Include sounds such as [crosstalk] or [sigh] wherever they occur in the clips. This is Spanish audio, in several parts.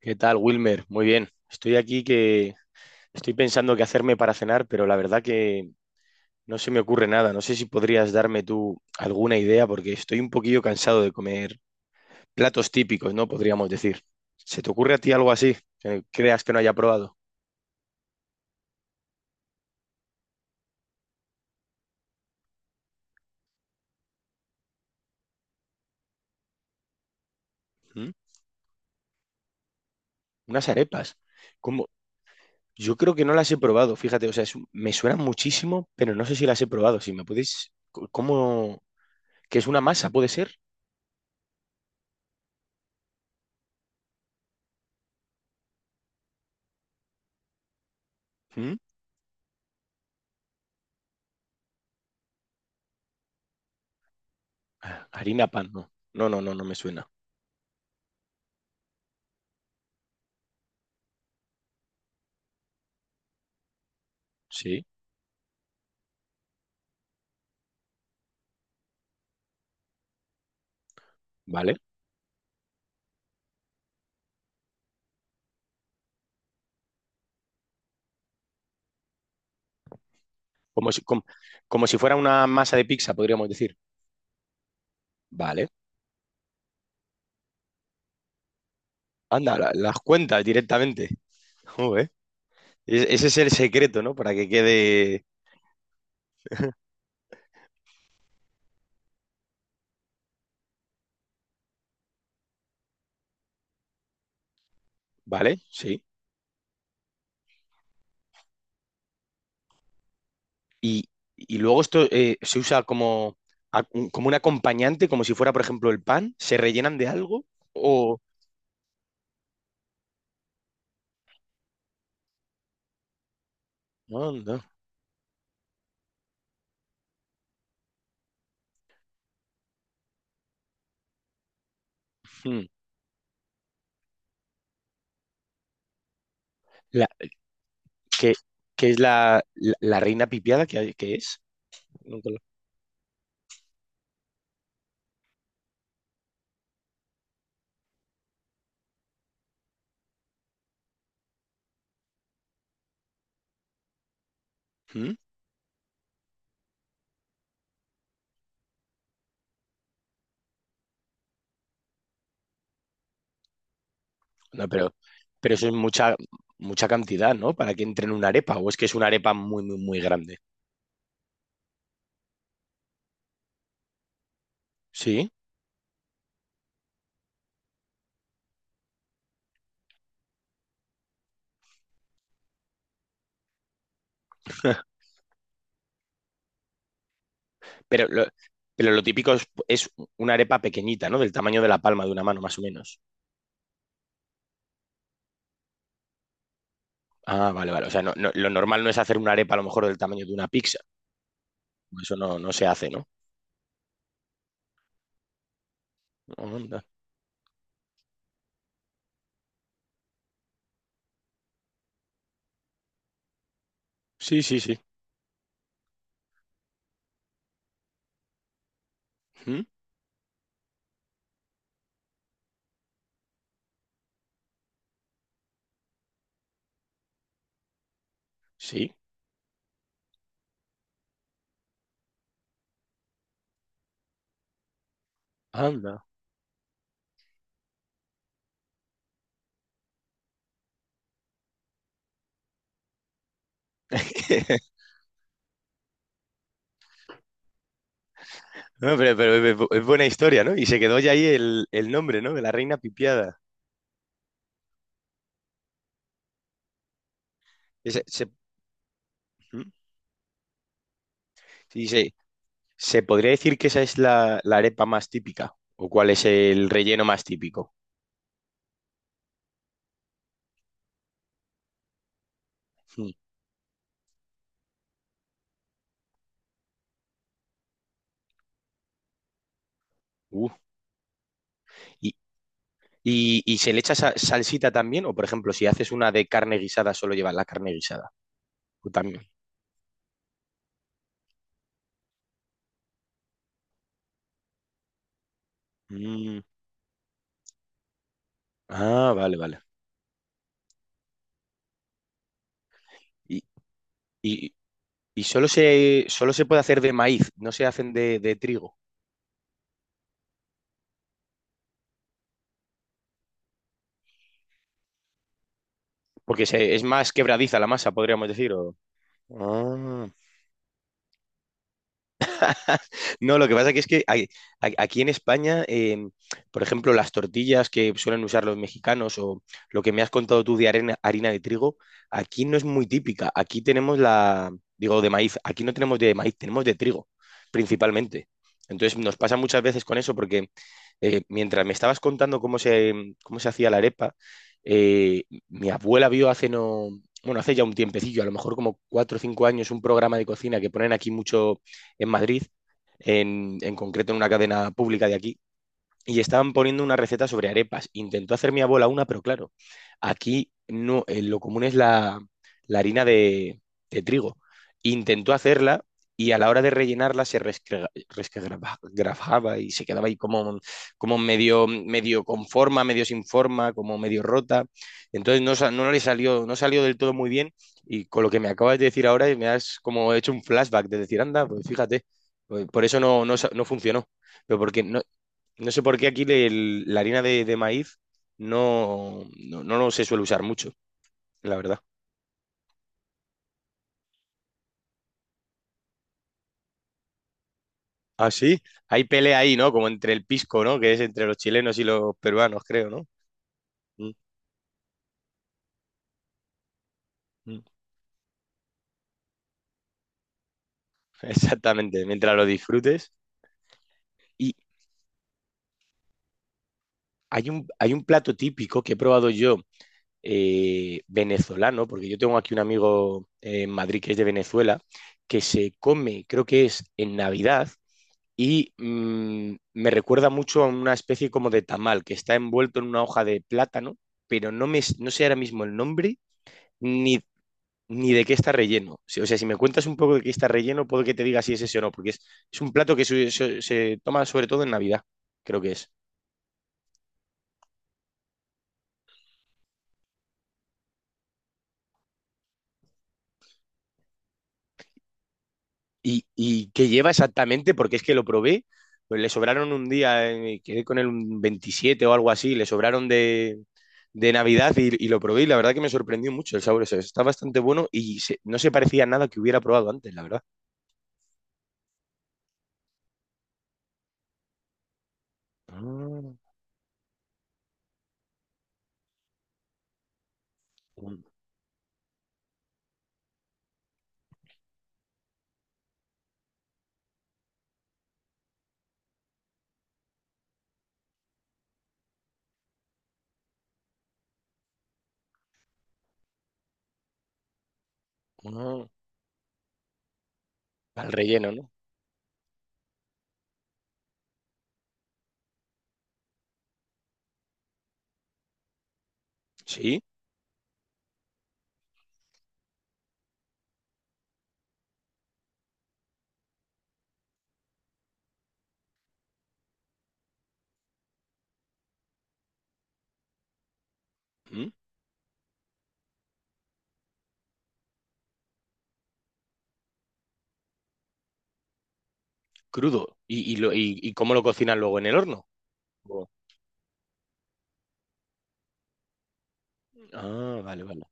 ¿Qué tal, Wilmer? Muy bien. Estoy aquí que estoy pensando qué hacerme para cenar, pero la verdad que no se me ocurre nada. No sé si podrías darme tú alguna idea porque estoy un poquillo cansado de comer platos típicos, ¿no? Podríamos decir. ¿Se te ocurre a ti algo así que creas que no haya probado? ¿Mm? Unas arepas. ¿Cómo? Yo creo que no las he probado, fíjate, o sea, me suenan muchísimo, pero no sé si las he probado. Si me podéis, ¿cómo? ¿Qué es una masa, puede ser? ¿Mm? Ah, Harina pan, no. No, no, no, no me suena. Sí, vale. Como si, com- Como si fuera una masa de pizza, podríamos decir. Vale. Anda, las cuentas directamente. [laughs] Joder. Ese es el secreto, ¿no? Para que quede. Vale, sí. Y, y luego esto se usa como, a- como un acompañante, como si fuera, por ejemplo, el pan. ¿Se rellenan de algo? O. Anda. Hmm. La, que, que es la reina pipiada, que es. Nunca lo- ¿Mm? No, pero eso es mucha cantidad, ¿no? Para que entre en una arepa, o es que es una arepa muy grande. Sí, [laughs] pero lo, pero lo típico es una arepa pequeñita, ¿no? Del tamaño de la palma de una mano, más o menos. Ah, vale, vale. O sea, lo normal no es hacer una arepa a lo mejor del tamaño de una pizza. Eso no, no se hace, ¿no? Anda. Sí, sí, sí. ¿Mm? Sí. Anda. [laughs] No, pero es es buena historia, ¿no? Y se quedó ya ahí el nombre, ¿no? De la reina pipiada. Ese- se- ¿Mm? Sí, sí. ¿Se podría decir que esa es la arepa más típica? ¿O cuál es el relleno más típico? Mm. Uh. ¿Y, y se le echa salsita también? ¿O por ejemplo, si haces una de carne guisada, solo lleva la carne guisada? ¿O también? Mm. Ah, vale, vale. Y, y- y solo solo se puede hacer de maíz, no se hacen de trigo. Es más quebradiza la masa, podríamos decir. O- Ah. [laughs] No, lo que pasa que es que aquí en España, por ejemplo, las tortillas que suelen usar los mexicanos o lo que me has contado tú de harina de trigo, aquí no es muy típica. Aquí tenemos la, digo, de maíz. Aquí no tenemos de maíz, tenemos de trigo, principalmente. Entonces nos pasa muchas veces con eso porque mientras me estabas contando cómo se hacía la arepa, eh, mi abuela vio hace no, bueno, hace ya un tiempecillo, a lo mejor como cuatro o cinco años, un programa de cocina que ponen aquí mucho en Madrid en concreto en una cadena pública de aquí, y estaban poniendo una receta sobre arepas. Intentó hacer mi abuela una, pero claro, aquí no, lo común es la, la harina de trigo. Intentó hacerla y a la hora de rellenarla se resquebrajaba y se quedaba ahí como, como medio, medio con forma, medio sin forma, como medio rota. Entonces no, no le salió, no salió del todo muy bien y con lo que me acabas de decir ahora me has como hecho un flashback de decir, anda, pues fíjate, pues por eso no, no, no funcionó, pero porque no, no sé por qué aquí la harina de maíz no, no, no lo se suele usar mucho, la verdad. Ah, sí, hay pelea ahí, ¿no? Como entre el pisco, ¿no? Que es entre los chilenos y los peruanos, creo, ¿no? Mm, mm. [laughs] Exactamente, mientras lo disfrutes. Y hay un plato típico que he probado yo, venezolano, porque yo tengo aquí un amigo en Madrid que es de Venezuela, que se come, creo que es en Navidad, y me recuerda mucho a una especie como de tamal que está envuelto en una hoja de plátano, pero no, me, no sé ahora mismo el nombre ni, ni de qué está relleno. O sea, si me cuentas un poco de qué está relleno, puedo que te diga si es ese o no, porque es un plato que se toma sobre todo en Navidad, creo que es. Y, y qué lleva exactamente, porque es que lo probé, pues le sobraron un día, quedé con él un 27 o algo así, le sobraron de Navidad y lo probé y la verdad que me sorprendió mucho el sabor, o sea, está bastante bueno y no se parecía a nada que hubiera probado antes, la verdad. Ah, un- ah, al relleno, ¿no? Sí, mm, crudo. Y, y cómo lo cocinan luego en el horno? O- Ah, vale, vale,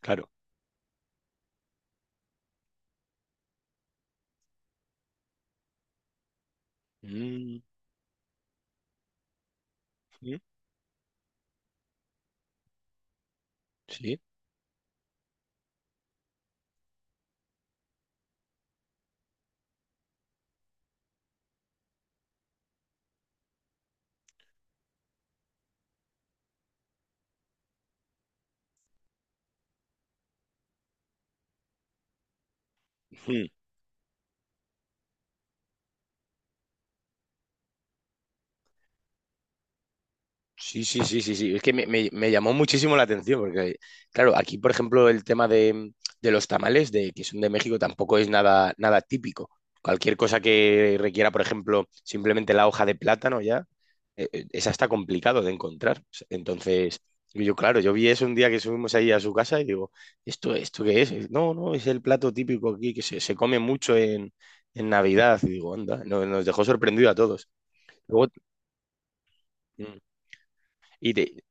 claro. Mm, mm, sí. Mm. Sí, sí, sí, sí, sí. Es que me llamó muchísimo la atención, porque, claro, aquí, por ejemplo, el tema de los tamales, de, que son de México, tampoco es nada, nada típico. Cualquier cosa que requiera, por ejemplo, simplemente la hoja de plátano ya, esa está complicado de encontrar. Entonces, y yo, claro, yo vi eso un día que subimos ahí a su casa y digo, ¿esto, esto qué es? Y, no, no, es el plato típico aquí que se come mucho en Navidad. Y digo, anda, nos dejó sorprendido a todos. Luego, mm, y, te-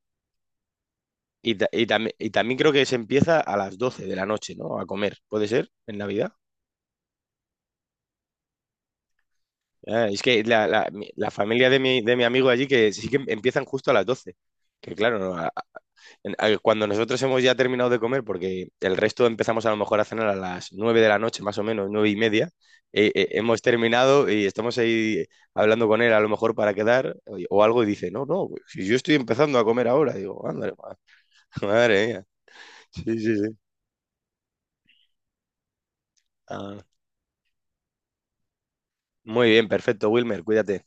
Y, y también creo que se empieza a las 12 de la noche, ¿no? A comer, ¿puede ser? ¿En Navidad? Ah, es que la familia de mi amigo allí que sí que empiezan justo a las doce. Que claro, no, cuando nosotros hemos ya terminado de comer, porque el resto empezamos a lo mejor a cenar a las 9 de la noche, más o menos, nueve y media, hemos terminado y estamos ahí hablando con él a lo mejor para quedar o algo y dice, no, no, si yo estoy empezando a comer ahora, digo, ándale, ma- [laughs] madre mía. Sí, sí, sí. Ah. Muy bien, perfecto, Wilmer, cuídate.